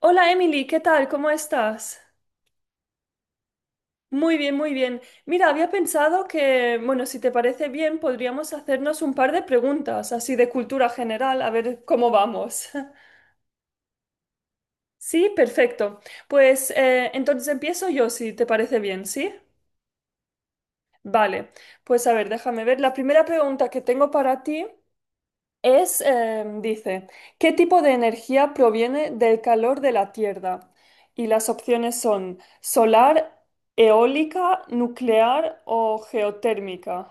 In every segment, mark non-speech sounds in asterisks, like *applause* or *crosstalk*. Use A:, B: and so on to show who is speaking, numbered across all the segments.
A: Hola Emily, ¿qué tal? ¿Cómo estás? Muy bien, muy bien. Mira, había pensado que, bueno, si te parece bien, podríamos hacernos un par de preguntas, así de cultura general, a ver cómo vamos. *laughs* Sí, perfecto. Pues entonces empiezo yo, si te parece bien, ¿sí? Vale, pues a ver, déjame ver. La primera pregunta que tengo para ti es, dice, ¿qué tipo de energía proviene del calor de la Tierra? Y las opciones son solar, eólica, nuclear o geotérmica.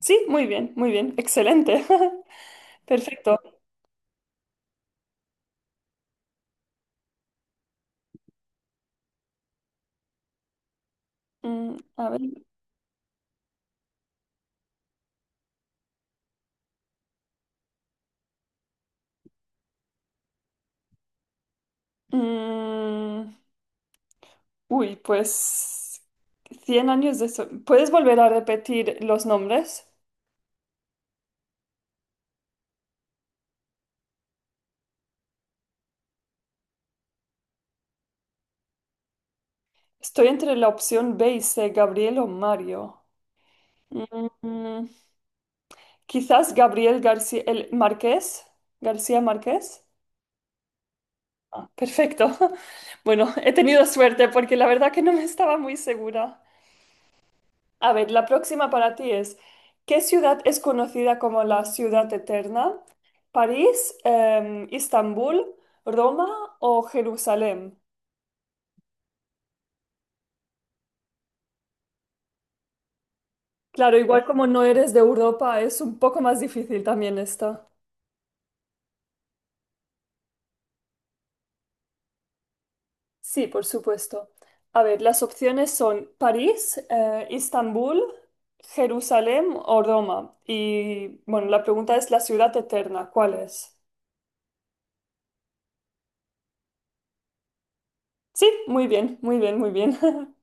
A: Sí, muy bien, excelente. *laughs* Perfecto. Mm, a ver. Mm, uy, pues 100 años de... ¿Puedes volver a repetir los nombres? Estoy entre la opción B y C, Gabriel o Mario. Mm, Quizás Gabriel García, el Marqués, García Márquez. Ah, perfecto. *laughs* Bueno, he tenido suerte porque la verdad que no me estaba muy segura. A ver, la próxima para ti es, ¿qué ciudad es conocida como la ciudad eterna? ¿París, Istambul, Roma o Jerusalén? Claro, igual como no eres de Europa, es un poco más difícil también esta. Sí, por supuesto. A ver, las opciones son París, Istambul, Jerusalén o Roma. Y bueno, la pregunta es la ciudad eterna, ¿cuál es? Sí, muy bien, muy bien, muy bien. *laughs*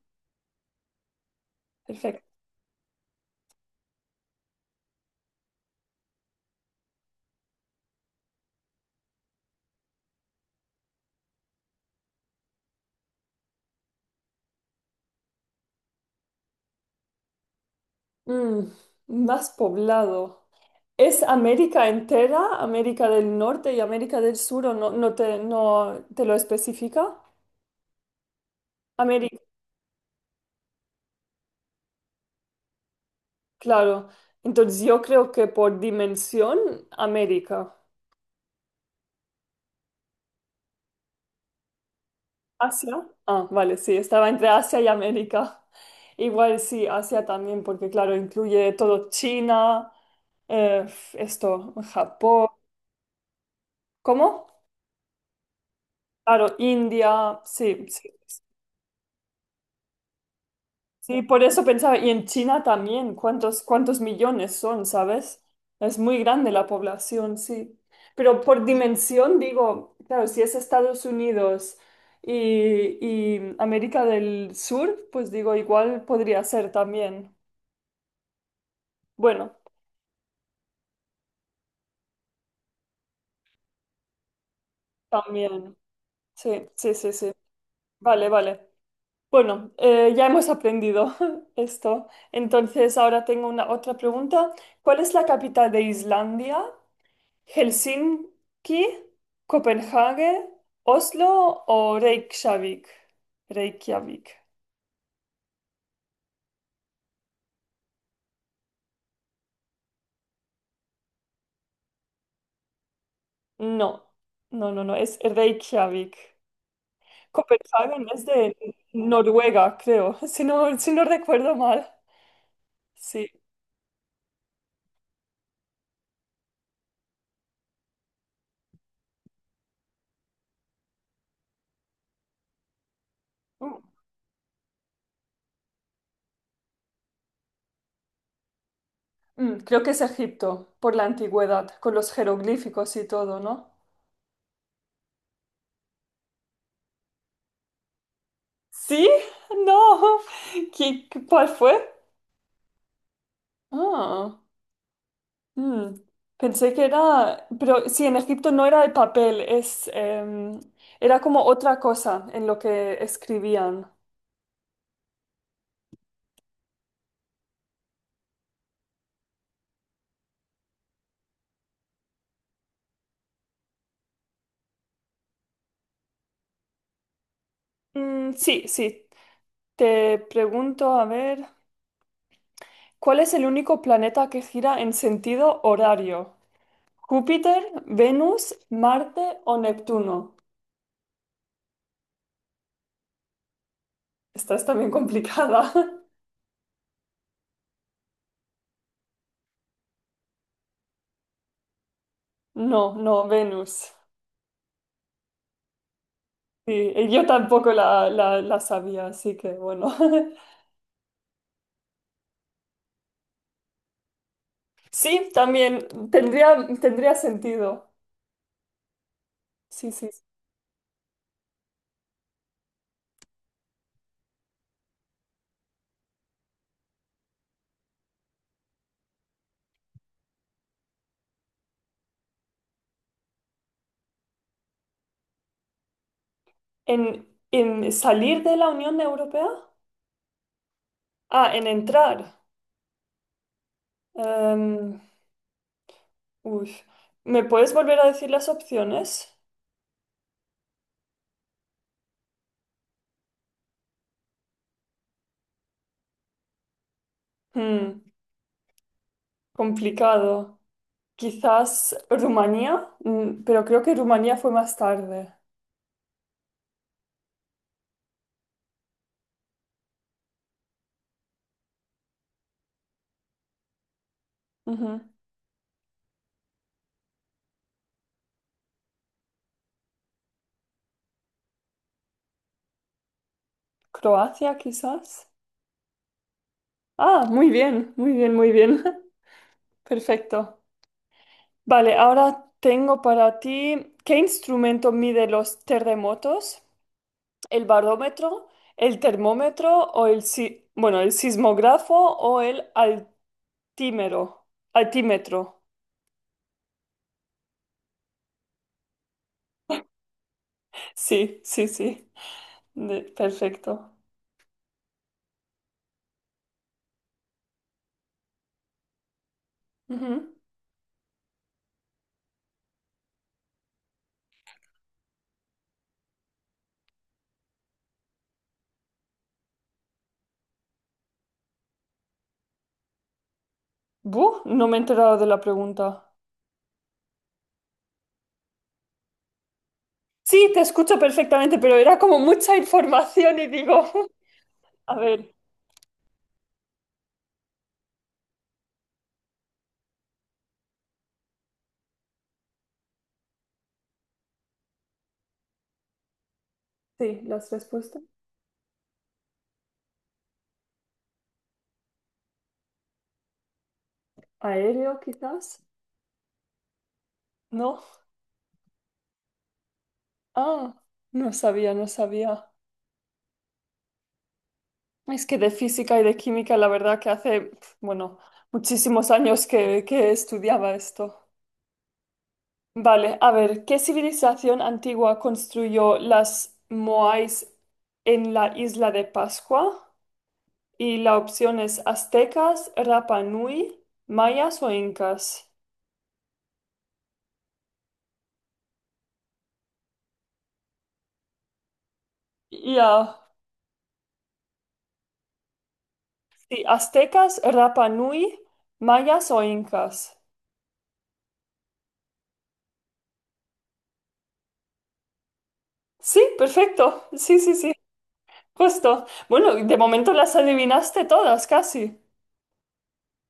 A: Perfecto. Mm, más poblado. ¿Es América entera, América del Norte y América del Sur o no, no te lo especifica? América, claro. Entonces yo creo que por dimensión, América. Asia. Ah, vale, sí, estaba entre Asia y América. Igual sí, Asia también, porque claro, incluye todo China, eh, Japón. ¿Cómo? Claro, India, sí, sí. Sí, por eso pensaba, y en China también, ¿cuántos millones son, sabes? Es muy grande la población, sí. Pero por dimensión, digo, claro, si es Estados Unidos y, y América del Sur, pues digo, igual podría ser también. Bueno, también. Sí, sí, sí, sí. Vale, vale. Bueno, ya hemos aprendido *laughs* esto. Entonces, ahora tengo una otra pregunta. ¿Cuál es la capital de Islandia? ¿Helsinki, Copenhague, Oslo o Reykjavik? Reykjavik. No, no, no, no, es Reykjavik. Copenhague no es de Noruega, creo, *laughs* si no recuerdo mal. Sí. Mm, creo que es Egipto, por la antigüedad, con los jeroglíficos y todo, ¿no? ¿Sí? *laughs* No. ¿Cuál fue? Ah, mm. Pensé que era, pero sí, en Egipto no era el papel, es, era como otra cosa en lo que escribían. Mm, sí, sí. Te pregunto, a ver, ¿cuál es el único planeta que gira en sentido horario? ¿Júpiter, Venus, Marte o Neptuno? Esta es también complicada. *laughs* No, no, Venus. Sí, y yo tampoco la sabía, así que bueno. *laughs* Sí, también tendría, tendría sentido. Sí, sí. En salir de la Unión Europea? Ah, en entrar. Em, uy. ¿Me puedes volver a decir las opciones? Hmm, complicado. Quizás Rumanía, mm, pero creo que Rumanía fue más tarde. Ujú. Croacia, quizás. Ah, muy bien, muy bien, muy bien. *laughs* Perfecto. Vale, ahora tengo para ti, ¿qué instrumento mide los terremotos? ¿El barómetro, el termómetro o el, bueno, el sismógrafo o el altímero? Altímetro. Sí, sí, sí. Perfecto. Ujú. Buh, no me he enterado de la pregunta. Sí, te escucho perfectamente, pero era como mucha información y digo, *laughs* a ver, sí, las respuestas. Aéreo, quizás. No. Ah, no sabía, no sabía. Es que de física y de química, la verdad que hace, pf, bueno, muchísimos años que estudiaba esto. Vale, a ver, ¿qué civilización antigua construyó las Moais en la isla de Pascua? Y la opción es aztecas, Rapa Nui, mayas o incas. Ya, sí, aztecas, Rapa Nui, mayas o incas. Sí, perfecto, sí, sí, sí, justo. Bueno, de momento las adivinaste todas, casi.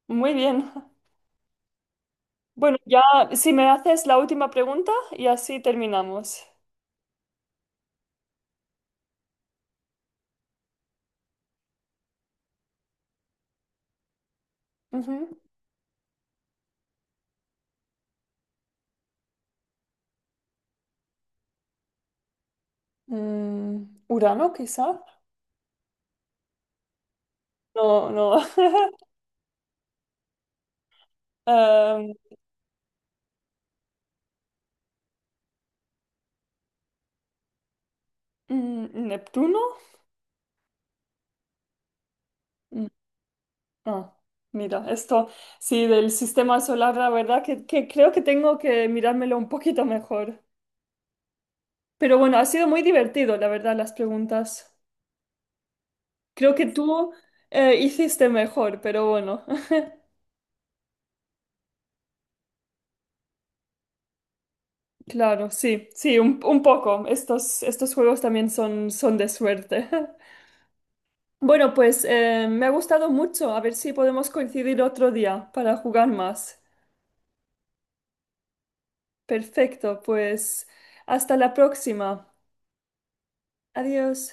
A: Muy bien. Bueno, ya si me haces la última pregunta y así terminamos. Ujú. Mm, Urano, quizá. No, no. *laughs* Em, mm, Neptuno. Mm, ah, mira, esto sí, del sistema solar, la verdad que creo que tengo que mirármelo un poquito mejor. Pero bueno, ha sido muy divertido, la verdad, las preguntas. Creo que tú hiciste mejor, pero bueno. Claro, sí, sí, un poco. Estos, estos juegos también son, son de suerte. *laughs* Bueno, pues me ha gustado mucho. A ver si podemos coincidir otro día para jugar más. Perfecto, pues hasta la próxima. Adiós.